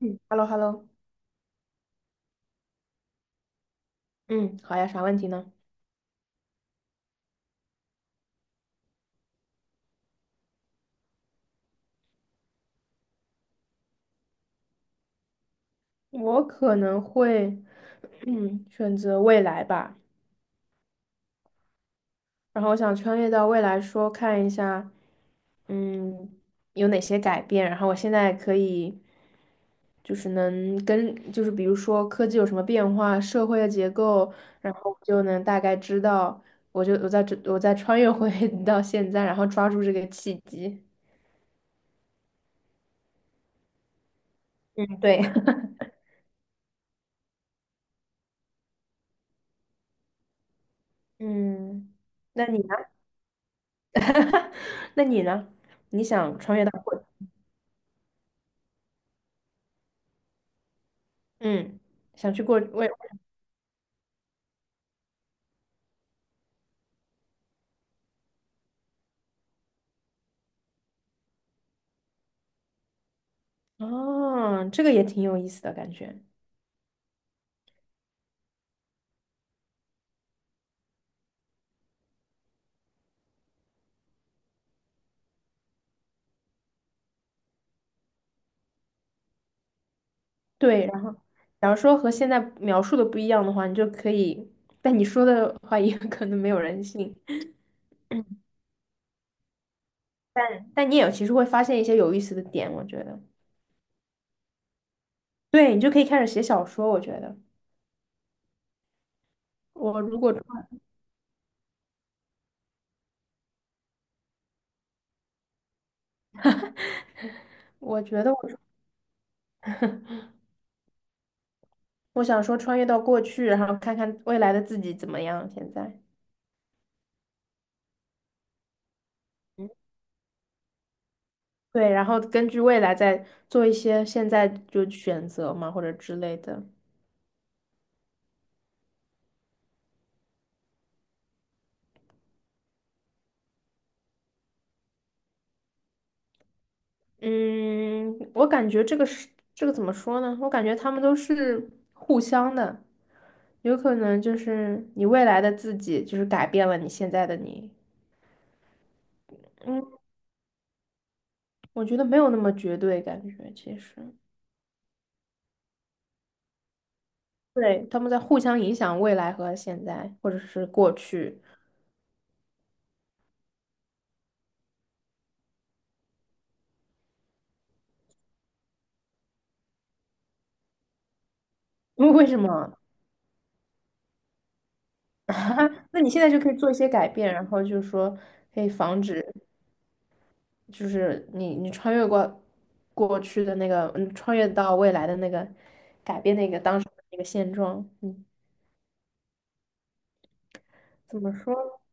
嗯，hello hello。嗯，好呀，啥问题呢？我可能会，选择未来吧。然后我想穿越到未来说，看一下，嗯，有哪些改变。然后我现在可以，就是能跟，就是比如说科技有什么变化，社会的结构，然后我就能大概知道。我就我在这，我在穿越回 到现在，然后抓住这个契机。嗯，对，嗯，那你呢？哈哈，那你呢？你想穿越到，嗯，想去过未，哦，这个也挺有意思的感觉。对，然后假如说和现在描述的不一样的话，你就可以，但你说的话也 可能没有人信，但你也其实会发现一些有意思的点，我觉得。对，你就可以开始写小说，我觉得。我如果穿，我觉得我想说穿越到过去，然后看看未来的自己怎么样，现在。对，然后根据未来再做一些现在就选择嘛，或者之类的。嗯，我感觉这个怎么说呢？我感觉他们都是互相的，有可能就是你未来的自己就是改变了你现在的你。我觉得没有那么绝对，感觉其实，对，他们在互相影响未来和现在，或者是过去。为什么？那你现在就可以做一些改变，然后就是说可以防止。就是你穿越过过去的那个，穿越到未来的那个，改变那个当时的那个现状，怎么说呢。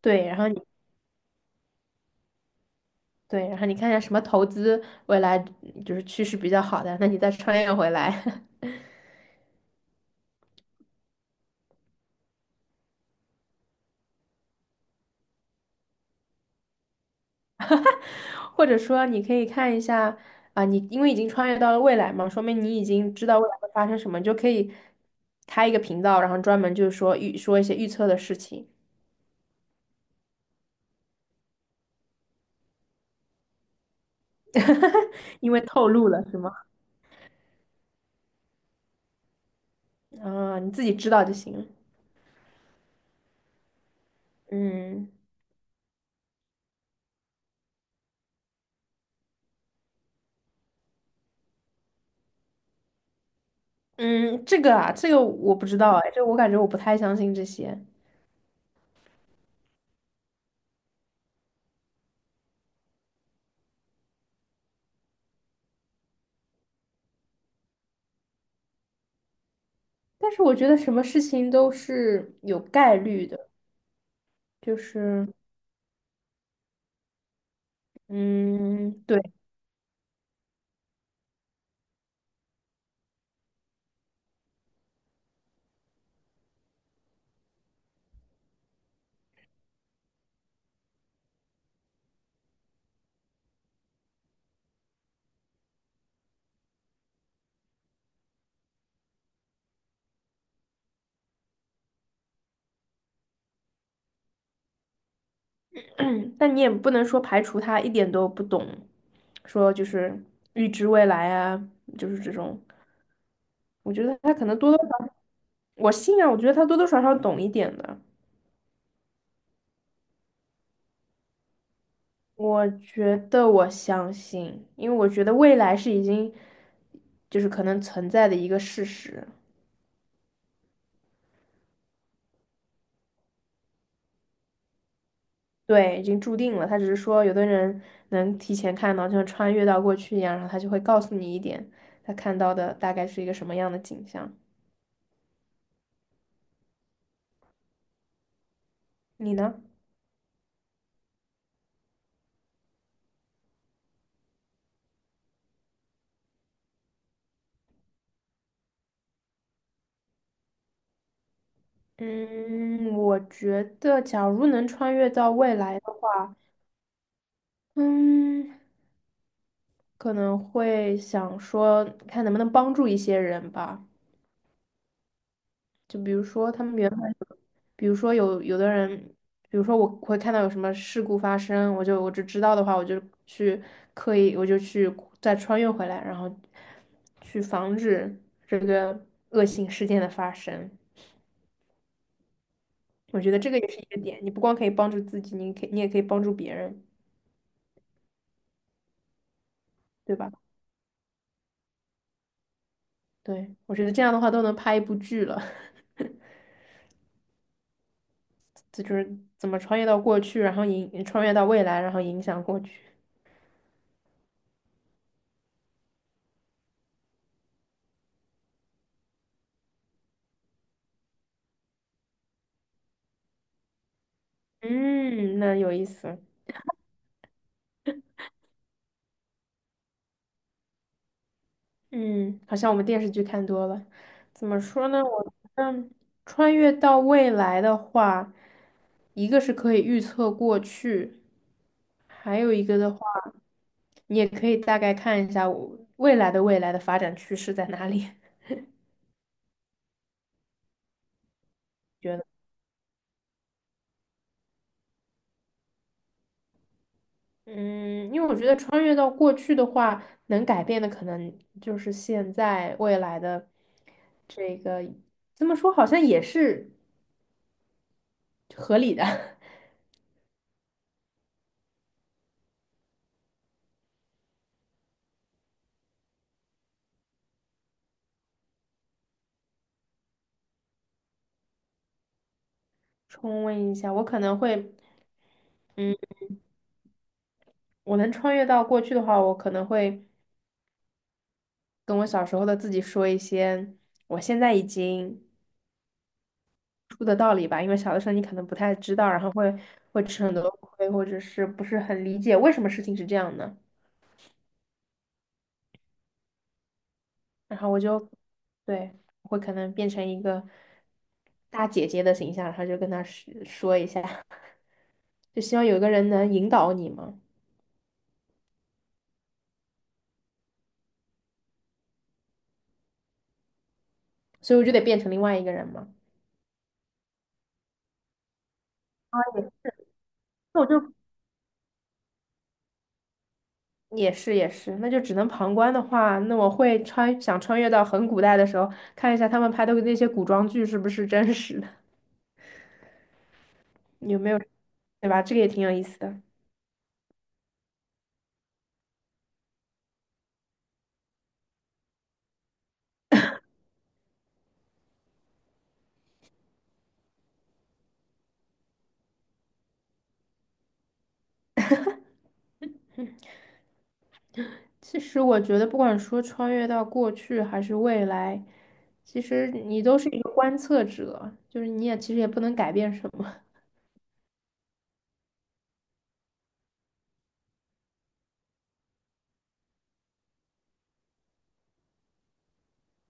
对，然后你对，然后你看一下什么投资未来就是趋势比较好的，那你再穿越回来，或者说你可以看一下啊，你因为已经穿越到了未来嘛，说明你已经知道未来会发生什么，你就可以开一个频道，然后专门就是说一些预测的事情，因为透露了是吗？啊，你自己知道就行了。嗯嗯，这个我不知道哎，这个我感觉我不太相信这些。但是我觉得什么事情都是有概率的，就是，嗯，对，但你也不能说排除他一点都不懂，说就是预知未来啊，就是这种。我觉得他可能多多少少，我信啊，我觉得他多多少少懂一点的。我觉得我相信，因为我觉得未来是已经就是可能存在的一个事实。对，已经注定了。他只是说，有的人能提前看到，就像穿越到过去一样，然后他就会告诉你一点他看到的大概是一个什么样的景象。你呢？嗯，我觉得假如能穿越到未来的话，嗯，可能会想说，看能不能帮助一些人吧。就比如说他们原本，比如说有的人，比如说我会看到有什么事故发生，我只知道的话，我就去刻意，我就去再穿越回来，然后去防止这个恶性事件的发生。我觉得这个也是一个点，你不光可以帮助自己，你也可以帮助别人，对吧？对，我觉得这样的话都能拍一部剧了，这就是怎么穿越到过去，然后穿越到未来，然后影响过去。嗯，那有意思。嗯，好像我们电视剧看多了。怎么说呢？穿越到未来的话，一个是可以预测过去，还有一个的话，你也可以大概看一下我未来的发展趋势在哪里。觉得，嗯，因为我觉得穿越到过去的话，能改变的可能就是现在未来的这个，这么说好像也是合理的。重温一下，我可能会。我能穿越到过去的话，我可能会跟我小时候的自己说一些我现在已经出的道理吧，因为小的时候你可能不太知道，然后会吃很多亏，或者是不是很理解为什么事情是这样的，然后对，我会可能变成一个大姐姐的形象，然后就跟她说说一下，就希望有一个人能引导你嘛，所以我就得变成另外一个人嘛。那我就。也是也是，那就只能旁观的话，那我会想穿越到很古代的时候，看一下他们拍的那些古装剧是不是真实的，有没有，对吧？这个也挺有意思的。其实我觉得，不管说穿越到过去还是未来，其实你都是一个观测者，就是你也其实也不能改变什么。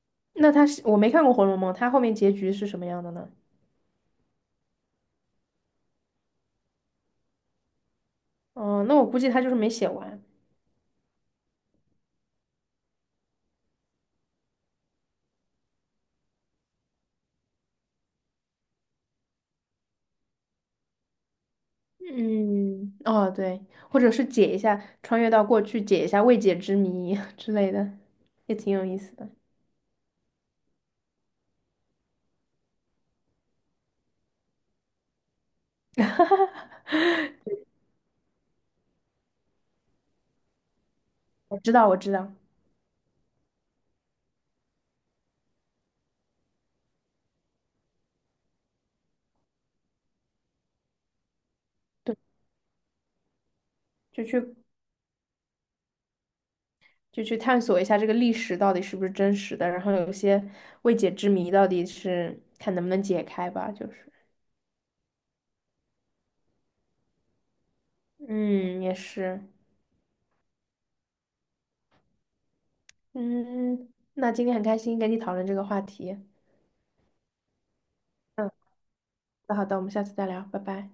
那他是，我没看过《红楼梦》，他后面结局是什么样的呢？嗯、那我估计他就是没写完。嗯，哦，对，或者是解一下，穿越到过去解一下未解之谜 之类的，也挺有意思的。我知道，我知道，对，就去就去探索一下这个历史到底是不是真实的，然后有些未解之谜到底是看能不能解开吧，就是，嗯，也是，嗯，那今天很开心跟你讨论这个话题，嗯，那好的，我们下次再聊，拜拜。